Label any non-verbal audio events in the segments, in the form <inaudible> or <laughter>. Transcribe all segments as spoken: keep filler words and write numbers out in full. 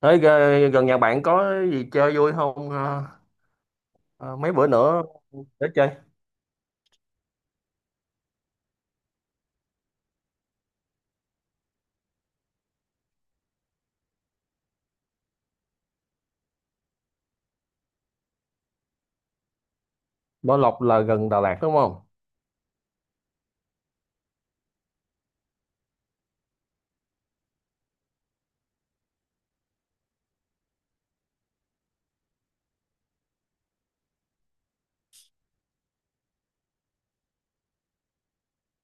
Thế g- gần nhà bạn có gì chơi vui không? Ờ, ờ, Mấy bữa nữa để chơi. Bảo Lộc là gần Đà Lạt đúng không?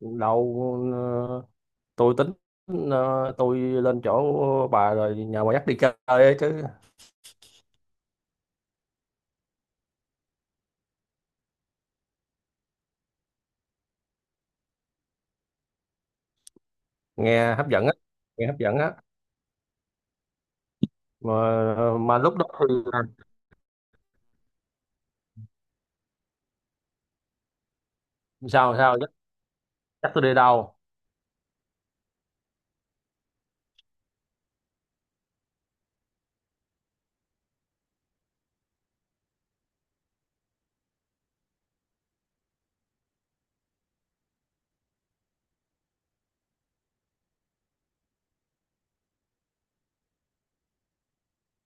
Đâu. ờ, tôi tính, ờ, tôi lên chỗ bà rồi nhà bà dắt đi chơi ấy chứ. Nghe hấp dẫn á, nghe hấp dẫn á. Mà ờ, mà lúc đó thì sao sao dắt, dắt tôi đi đâu?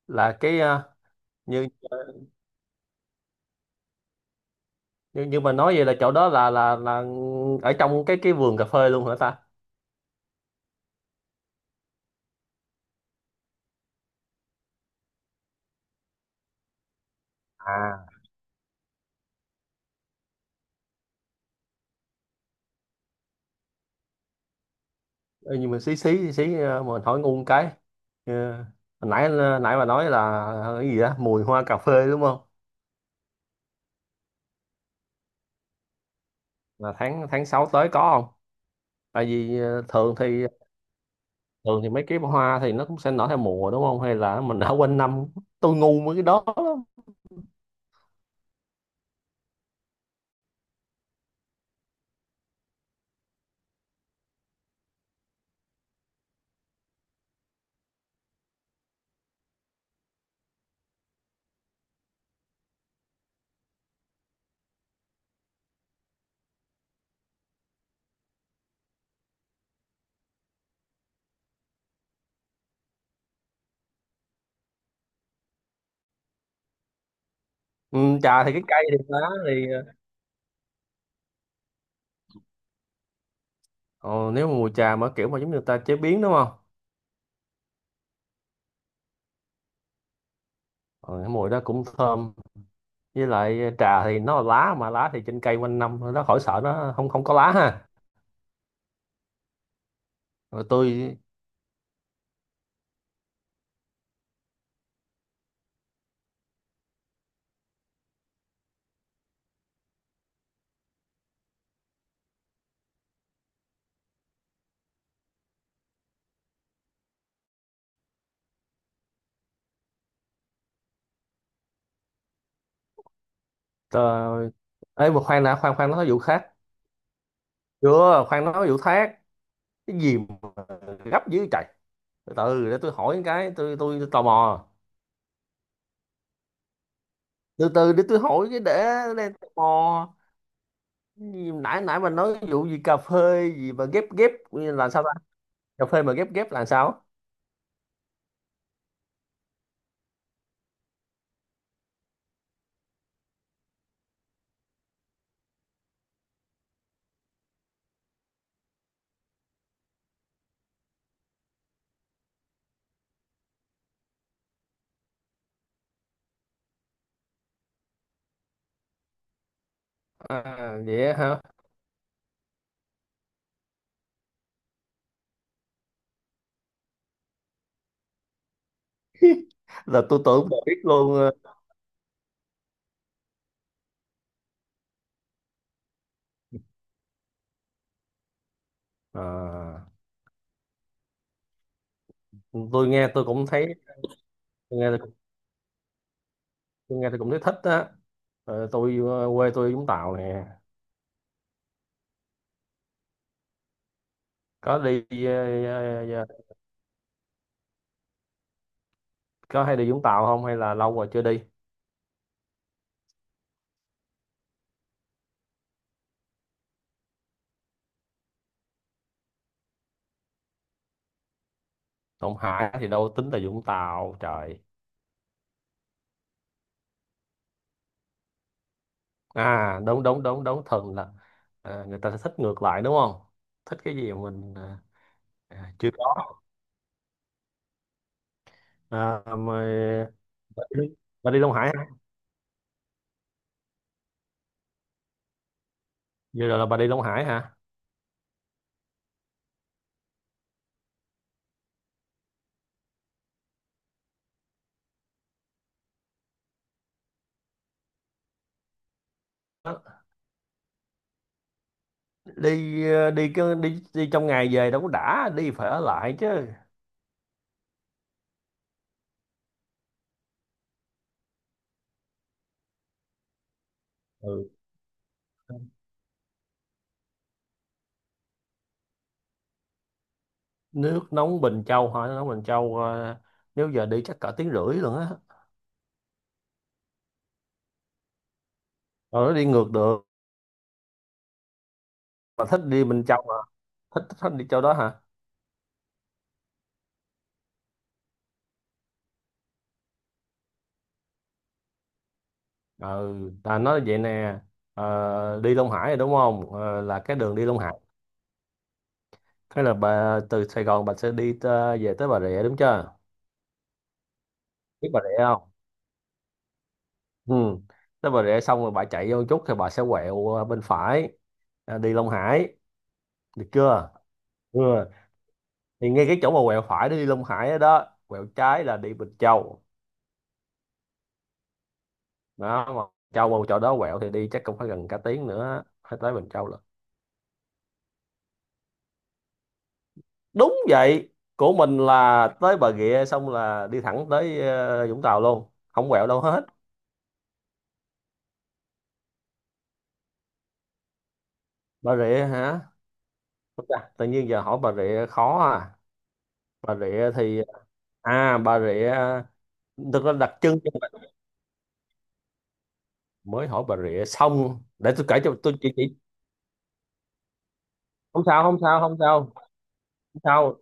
Là cái, ờ, như như như mà nói vậy là chỗ đó là là là ở trong cái cái vườn cà phê luôn hả ta? Ê, nhưng mà xí xí xí xí, ờ, mà hỏi ngu cái. Ờ, Hồi nãy nãy bà nói là, ờ, cái gì đó mùi hoa cà phê đúng không? Là tháng tháng sáu tới có không? Tại vì ờ, thường thì thường thì mấy cái hoa thì nó cũng sẽ nở theo mùa đúng không, hay là mình đã quên năm. Tôi ngu mấy cái đó lắm. Ừ, trà thì cái cây thì lá thì, ờ, ờ, nếu mà mùi trà mà kiểu mà giống như người ta chế biến đúng không? ờ, cái mùi đó cũng thơm. Với lại ờ, trà thì nó là lá, mà lá thì trên cây quanh năm, nó khỏi sợ nó không không có lá ha. Rồi tôi. Trời ơi, mà khoan đã, khoan khoan nói vụ khác. Chưa, khoan nói vụ khác. Cái gì mà gấp dữ trời. Từ từ để tôi hỏi cái, tôi tôi, tôi tò mò. Từ từ để tôi hỏi cái để để tò mò. Cái gì- mà Nãy nãy mà nói vụ gì cà phê gì mà ghép ghép là sao ta? Cà phê mà ghép ghép là sao? À, vậy á hả? <laughs> Là tôi tưởng bà biết luôn. Ờ. À, tôi nghe tôi cũng thấy tôi nghe tôi nghe tôi cũng thấy thích á. Ờ, tôi ờ, quê tôi Vũng Tàu nè. có đi ờ, ờ, có hay đi Vũng Tàu không hay là lâu rồi chưa đi? Đồng Hải thì đâu tính là Vũng Tàu trời. À, đúng đúng đúng đúng, thường là. À, người ta sẽ thích ngược lại đúng không? Thích cái gì mà mình, à, à, chưa có. À, mà bà đi, bà đi Long Hải hả? Vừa rồi là bà đi Long Hải hả? Đó. đi ờ, đi cứ đi đi trong ngày về đâu có đã, đi phải ở lại chứ. Ừ. Nước nóng Bình Châu hả? Nước nóng Bình Châu, ờ, nếu giờ đi chắc cả tiếng rưỡi luôn á. Rồi nó đi ngược được. Mà thích đi Bình Châu mà. Thích thích đi chỗ đó hả? Ừ, ta nói vậy nè. Ờ, đi Long Hải rồi đúng không? Ờ, là cái đường đi Long Hải. Cái là bà từ Sài Gòn bà sẽ đi tơ- về tới Bà Rịa đúng chưa? Biết Bà Rịa không? Ừ, tới Bà Rịa xong rồi bà chạy vô một chút thì bà sẽ quẹo ờ, bên phải. Ờ, đi Long Hải. Được chưa? Ừ. Thì ngay cái chỗ mà quẹo phải để đi Long Hải đó, đó quẹo trái là đi Bình Châu. Đó mà. Châu mà chỗ đó quẹo thì đi chắc cũng phải gần cả tiếng nữa, phải tới Bình Châu lận. Đúng vậy. Của mình là tới Bà Rịa xong là đi thẳng tới ờ, Vũng Tàu luôn, không quẹo đâu hết. Bà Rịa hả? Ôi chà, tự nhiên giờ hỏi Bà Rịa khó à. Bà Rịa thì. À, Bà Rịa. Thực ra đặc trưng cho mình. Mới hỏi Bà Rịa xong, để tôi kể cho, tôi chỉ, chỉ. Không sao, không sao, không sao. Không sao.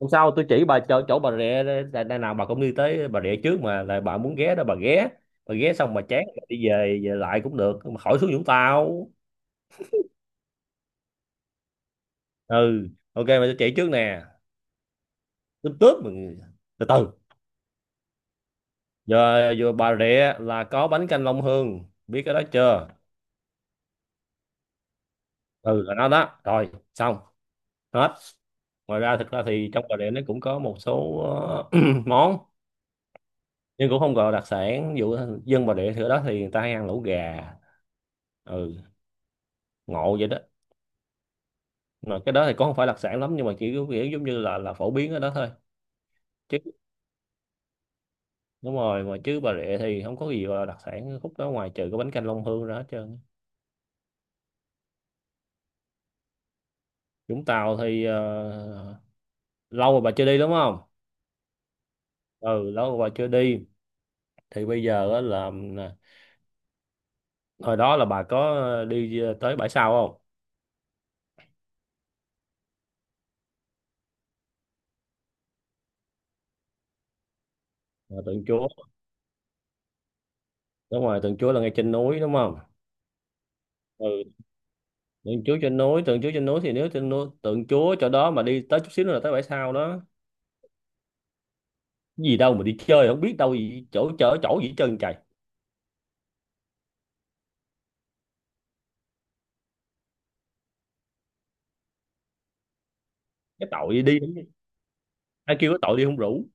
Không sao, tôi chỉ bà chỗ chỗ Bà Rịa đây, đây nào bà cũng đi tới Bà Rịa trước mà, là bà muốn ghé đó bà ghé. Bà ghé xong bà chán rồi đi về, về lại cũng được mà, khỏi xuống Vũng Tàu. Ừ, ok mà tôi chỉ trước nè. Tướp tướp mọi người. Từ từ. Giờ vừa Bà Rịa là có bánh canh Long Hương, biết cái đó chưa? Ừ, là nó đó rồi xong. Hết. Ngoài ra thực ra thì trong Bà Rịa nó cũng có một số ờ, <clears throat> món. Nhưng cũng không gọi là đặc sản, ví dụ. Dân Bà Rịa thì ở đó thì người ta hay ăn lẩu gà. Ừ. Ngộ vậy đó. Mà cái đó thì cũng không phải đặc sản lắm, nhưng mà chỉ có kiểu giống như là là phổ biến ở đó thôi. Chứ. Đúng rồi mà, chứ Bà Rịa thì không có gì gọi là đặc sản khúc đó, ngoài trừ cái bánh canh Long Hương ra hết trơn. Vũng Tàu thì ờ, lâu rồi bà chưa đi đúng không? Ừ, lâu bà chưa đi. Thì bây giờ á là, à, hồi đó là bà có đi à, tới bãi sau không? Ờ, Tượng Chúa. Đúng rồi, tượng Chúa là ngay trên núi đúng không? Ừ. tượng Chúa trên núi tượng Chúa trên núi thì nếu trên núi tượng Chúa chỗ đó mà đi tới chút xíu nữa là tới bãi sau đó. Gì đâu mà đi chơi không biết đâu, gì chỗ chỗ chỗ gì hết trơn trời. Cái tội đi. Ai kêu cái tội đi không rủ.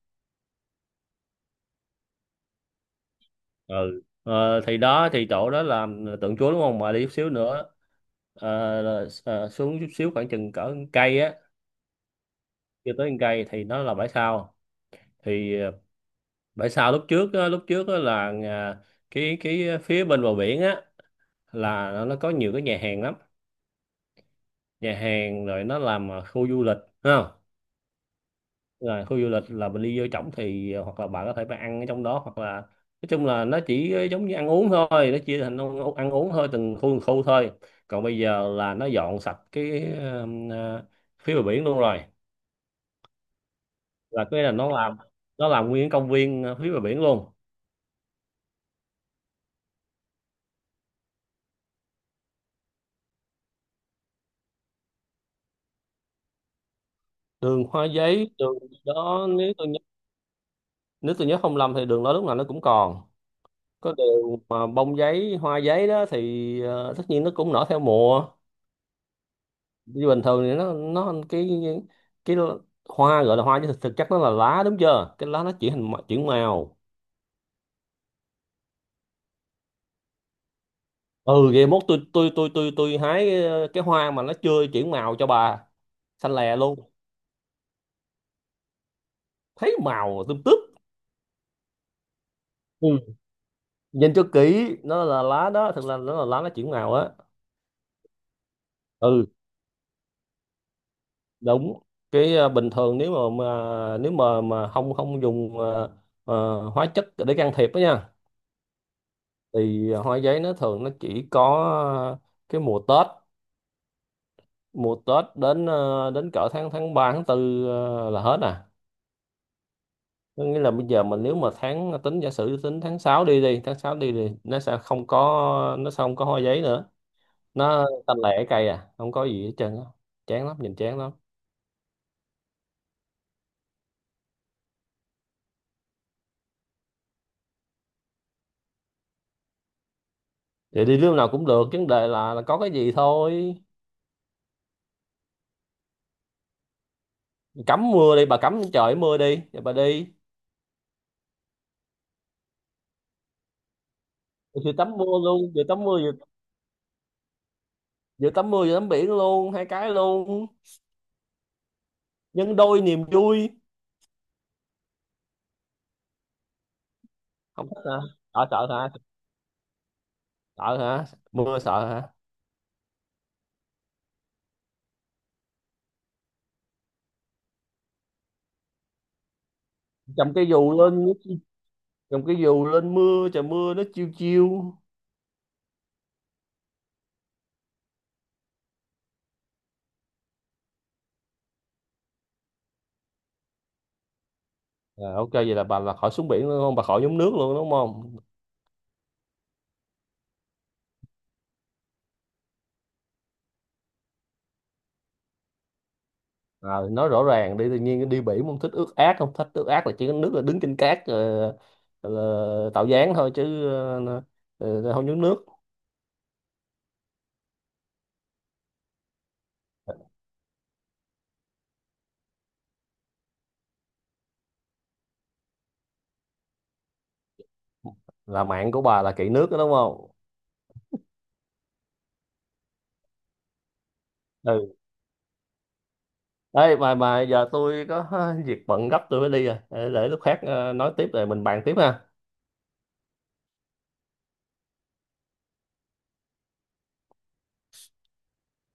Ừ, ờ, thì đó thì chỗ đó là, à, tượng Chúa đúng không, mà đi chút xíu nữa. Ờ, là- ờ, xuống chút xíu khoảng chừng cỡ một cây á, chưa tới một cây thì nó là bãi sau. Thì à, Bởi sao lúc trước á, lúc trước á là, à, cái cái phía bên bờ biển á, là nó nó có nhiều cái nhà hàng lắm. Nhà hàng rồi nó làm à, khu du lịch. Thấy không? Là khu du lịch là mình đi vô trỏng thì, à, hoặc là bạn có thể bạn ăn ở trong đó, hoặc là. Nói chung là nó chỉ giống như ăn uống thôi, nó chia thành ăn, ăn uống thôi, từng khu từng khu thôi. Còn bây giờ là nó dọn sạch cái ờ, ờ, phía bờ biển luôn rồi. Là cái là, nó làm nó làm nguyên công viên ờ, phía bờ biển luôn. Đường hoa giấy, đường đó, nếu tôi nếu tôi nhớ không lầm thì đường đó lúc nào nó cũng còn. Có điều mà bông giấy, hoa giấy đó thì, ờ, tất nhiên nó cũng nở theo mùa. Như bình thường thì nó nó cái cái hoa gọi là hoa chứ thực, thực chất nó là lá đúng chưa, cái lá nó chuyển hình chuyển màu. Ừ, vậy mốt tôi tôi tôi tôi tôi hái cái, cái hoa mà nó chưa chuyển màu cho bà, xanh lè luôn, thấy màu tươm tướp. Ừ. Nhìn cho kỹ nó là lá đó, thật là nó là lá, nó chuyển màu á. Ừ, đúng. Cái, ờ, bình thường nếu mà, mà nếu mà mà không không dùng ờ, ờ, hóa chất để can thiệp đó nha, thì hoa giấy nó thường nó chỉ có ờ, cái mùa Tết. Mùa Tết đến ờ, đến cỡ tháng tháng ba tháng tư, ờ, là hết à. Có nghĩa là bây giờ mình, nếu mà tháng tính giả sử tính tháng sáu đi đi tháng sáu đi, thì nó sẽ không có nó sẽ không có hoa giấy nữa. Nó tanh lẻ cây à, không có gì hết trơn á. Chán lắm, nhìn chán lắm. Thì đi lúc nào cũng được, vấn đề là là có cái gì thôi. Cấm mưa đi bà, cấm trời mưa đi rồi bà đi. Vừa tắm mưa luôn, vừa tắm mưa vừa, vừa tắm mưa vừa tắm biển luôn, hai cái luôn. Nhân đôi niềm vui. Không thích hả? Sợ sợ hả? Sợ hả? Mưa sợ hả? Cầm cái dù lên. Cầm cái dù lên, mưa, trời mưa nó chiêu chiêu. À, ok vậy là bà là khỏi xuống biển luôn không, bà khỏi nhúng nước luôn đúng không? À, nói rõ ràng đi, tự nhiên đi biển không thích ướt át không thích ướt át là chỉ có nước, là đứng trên cát, ờ, là tạo dáng thôi chứ, ờ, ờ, không nhúng nước. Là mạng của bà là kỹ nước đó đúng không? Ừ. Ê, mà mà giờ tôi có <laughs> việc bận gấp, tôi phải đi rồi, để, để lúc khác ờ, nói tiếp rồi mình bàn tiếp ha.